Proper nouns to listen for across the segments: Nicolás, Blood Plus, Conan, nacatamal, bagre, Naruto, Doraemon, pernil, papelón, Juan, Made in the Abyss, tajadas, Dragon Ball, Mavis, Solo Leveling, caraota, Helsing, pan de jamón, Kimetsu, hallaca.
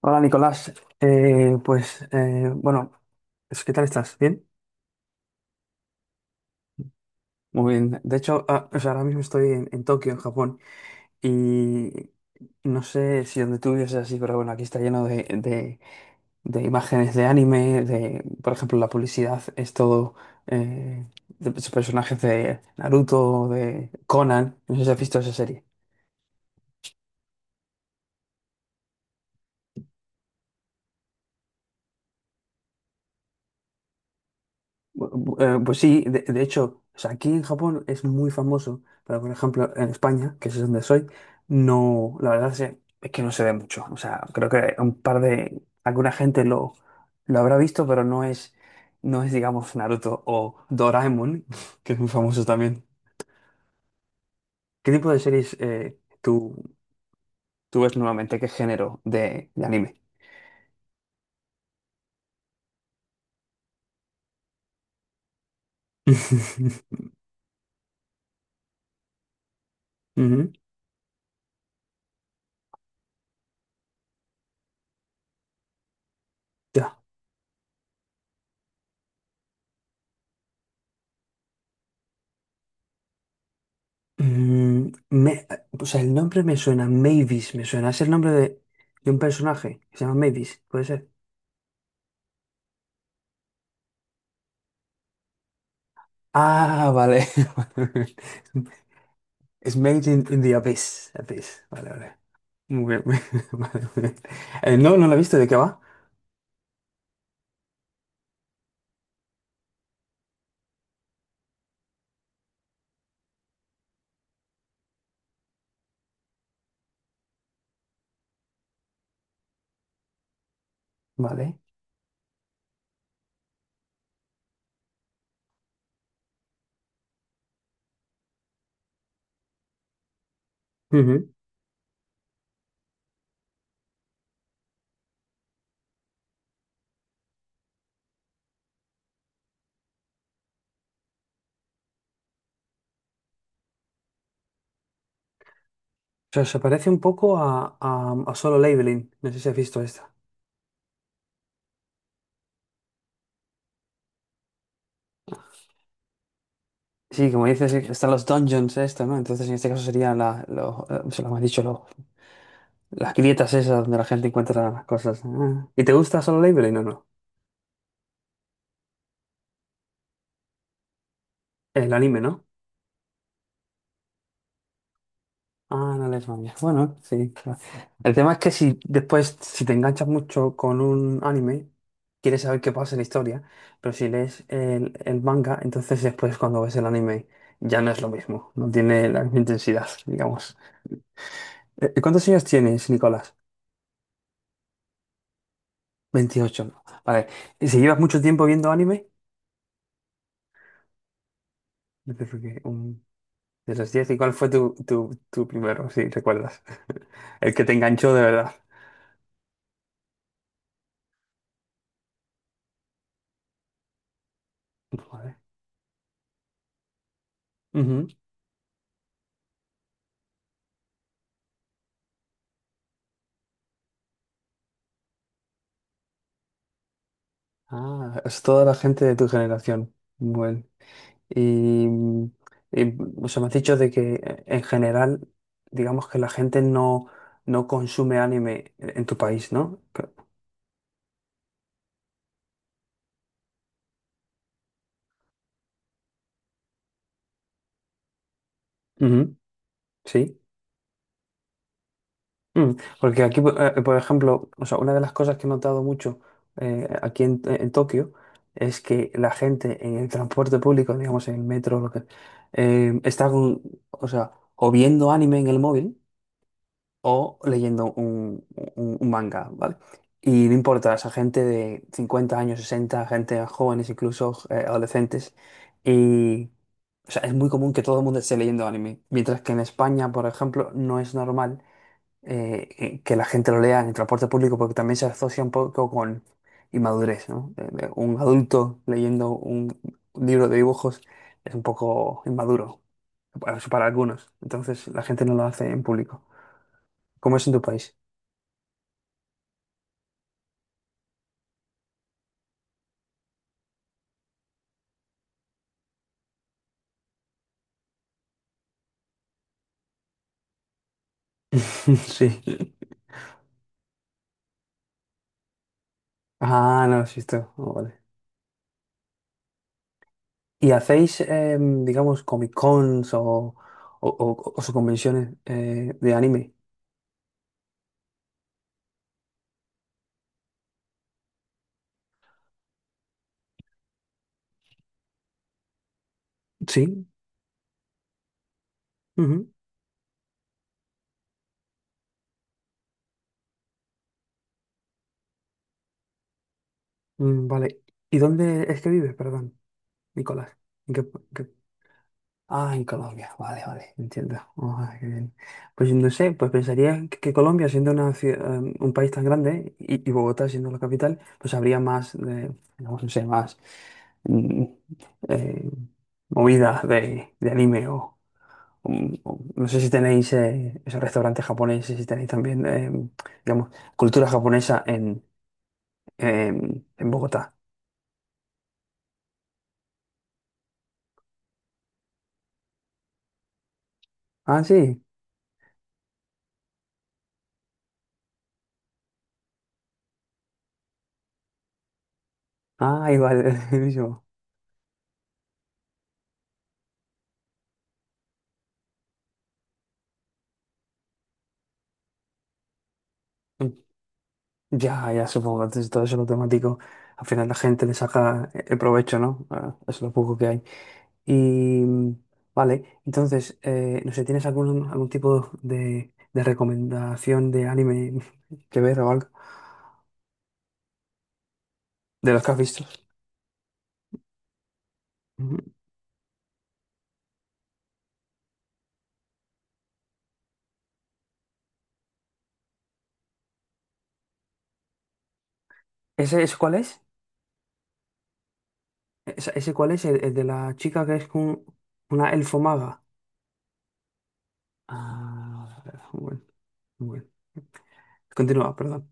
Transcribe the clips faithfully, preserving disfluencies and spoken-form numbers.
Hola Nicolás. Eh, pues eh, bueno, es- ¿qué tal estás? ¿Bien? Muy bien. De hecho, ah, o sea, ahora mismo estoy en, en Tokio, en Japón, y no sé si donde tú vives es así, pero bueno, aquí está lleno de, de- de imágenes de anime, de, por ejemplo, la publicidad es todo eh, de personajes de Naruto, de Conan. No sé si has visto esa serie. Bu- eh, Pues sí, de, de hecho, o sea, aquí en Japón es muy famoso, pero por ejemplo en España, que es donde soy, no, la verdad es, es que no se ve mucho. O sea, creo que un par de, alguna gente lo, lo habrá visto, pero no es, no es, digamos, Naruto o Doraemon, que es muy famoso también. ¿Qué tipo de series eh, tú, tú ves normalmente? ¿Qué género de, de anime? Ujú. Ya. Mm, me- o sea, el nombre me suena, Mavis, me suena. Es el nombre de, de un personaje que se llama Mavis, puede ser. Ah, vale. Es Made in, in the Abyss. Abyss. Vale, vale. Muy bien. Vale, muy bien. Eh, no, no lo he visto. ¿De qué va? Vale. Ujú. O sea, se parece un poco a, a, a Solo Leveling. No sé si has visto esta. Sí, como dices, están los dungeons esto, ¿no? Entonces, en este caso serían la, lo, eh, se lo hemos dicho, las grietas esas donde la gente encuentra las cosas. Ah. ¿Y te gusta Solo Leveling o no? El anime, ¿no? Ah, no les manga. Bueno, sí, claro. El tema es que si después, si te enganchas mucho con un anime, quieres saber qué pasa en la historia, pero si lees el, el manga, entonces después cuando ves el anime ya no es lo mismo, no tiene la misma intensidad, digamos. Eh, ¿Cuántos años tienes, Nicolás? veintiocho, ¿no? Vale. ¿Y si llevas mucho tiempo viendo anime? Yo creo que un. De los diez, ¿y cuál fue tu, tu, tu primero, si recuerdas? El que te enganchó de verdad. Joder. Ujú. Ah, es toda la gente de tu generación. Bueno. Y, mm, y o sea, me has dicho de que eh, en general, digamos que la gente no, no consume anime en en tu país, ¿no? Ujú. Sí. Mm, Porque aquí, po- eh, por ejemplo, o sea, una de las cosas que he notado mucho eh, aquí en, en Tokio es que la gente en el transporte público, digamos en el metro, lo que, eh, está con, o sea, o viendo anime en el móvil o leyendo un, un- un manga, ¿vale? Y no importa, esa gente de cincuenta años, sesenta, gente jóvenes, incluso eh, adolescentes. Y, o sea, es muy común que todo el mundo esté leyendo anime, mientras que en España, por ejemplo, no es normal eh, eh, que la gente lo lea en el transporte público porque también se asocia un poco con inmadurez, ¿no? De- de un adulto leyendo un libro de dibujos es un poco inmaduro, para, para algunos. Entonces la gente no lo hace en público. ¿Cómo es en tu país? Sí. Ah, no, sí, esto. Oh, vale. ¿Y hacéis, em, digamos, Comic Cons o, o, o- o sus convenciones eh, de anime? Sí. Ujú. Mm, vale. ¿Y dónde es que vives, perdón, Nicolás? ¿En qué? Ah, en Colombia, vale, vale, entiendo. Ah, qué bien. Pues no sé, pues pensaría que que Colombia, siendo una cie- eh, un país tan grande y, y Bogotá siendo la capital, pues habría más, de, digamos, no sé, más mm, eh, movidas de, de anime o, o- o- no sé si tenéis eh, esos restaurantes japoneses, si tenéis también, eh, digamos, cultura japonesa en, en, en Bogotá. Ah, sí. Ah, igual, buenísimo. Ya, ya supongo, entonces todo eso lo temático, al final la gente le saca el provecho, ¿no? Ah, es lo poco que hay. Y mm, vale, entonces, eh, no sé, ¿tienes algún, algún tipo de, de recomendación de anime que ver o algo? De los que has visto. Ujú. ¿Ese, ese cuál es? ¿Esa- ¿Ese, cuál es? El, el de la chica que es con una elfo maga. Ah, bueno, bueno. Continúa, perdón.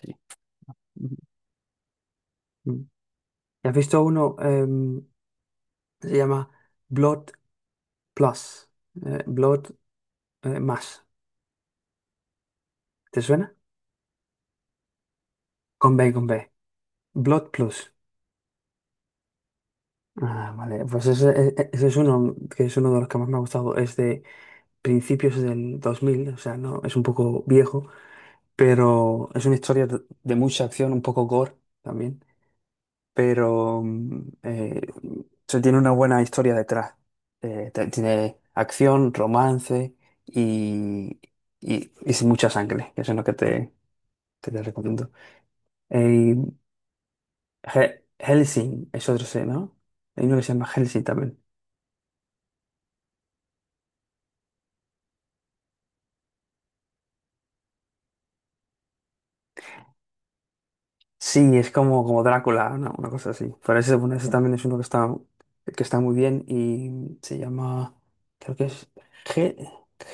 Sí. Ujú. Mm. ¿Y has visto uno? em, Se llama Blood Plus. eh, Blood eh, más. ¿Te suena? Con B, con B. Blood Plus. Ah, vale. Pues ese, e- e, ese es uno que es uno de los que más me ha gustado. Es de principios del dos mil, o sea, no, es un poco viejo, pero es una historia de de mucha acción, un poco gore también. Pero mm, eh, se tiene una buena historia detrás. Eh, te- tiene acción, romance y, y, y sin mucha sangre. Que Eso es lo que te, que te recomiendo. Eh, He- Helsing es otro C, ¿no? Hay uno que se llama Helsing también. Sí, es como, como Drácula, una Una cosa así. Pero ese, bueno, ese también es uno que está, que está muy bien y se llama, creo que es Hel-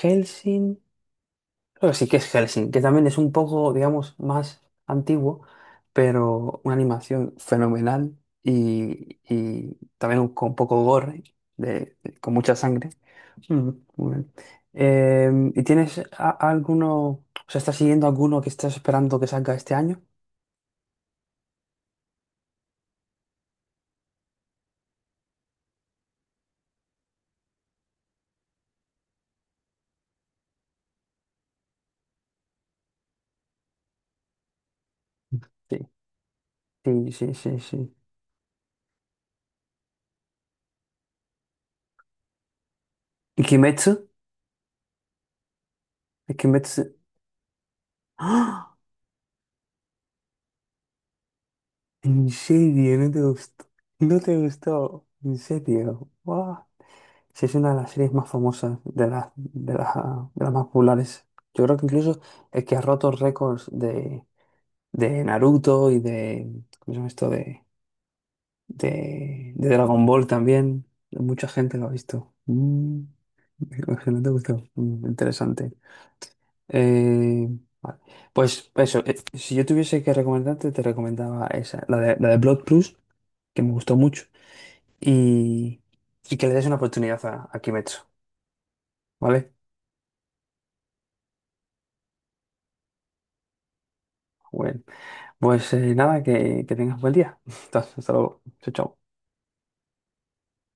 Helsing. Creo que sí que es Helsing, que también es un poco, digamos, más antiguo, pero una animación fenomenal y, y también un- con poco gore, de, de- con mucha sangre. Mm, muy bien. Em, ¿y tienes a- alguno, o sea, estás siguiendo alguno que estás esperando que salga este año? Sí, sí, sí, sí, sí. ¿Y Kimetsu? ¿Y Kimetsu? ¡Ah! ¿En serio? ¿No te gustó? ¿No te gustó? ¿En serio? ¡Guau! Sí, es una de las series más famosas, de las, de las, de las más populares. Yo creo que incluso el que ha roto récords de, de Naruto y de, ¿cómo se llama esto? De, de, de Dragon Ball también. Mucha gente lo ha visto. Mm, que no te gustó. Mm, interesante. Eh, vale. Pues eso, eh, si yo tuviese que recomendarte, te recomendaba esa, la de, la de Blood Plus, que me gustó mucho. Y, y que le des una oportunidad a, a Kimetsu, ¿vale? Bueno, pues eh, nada, que, que tengas buen día. Hasta hasta luego. Chao, chao.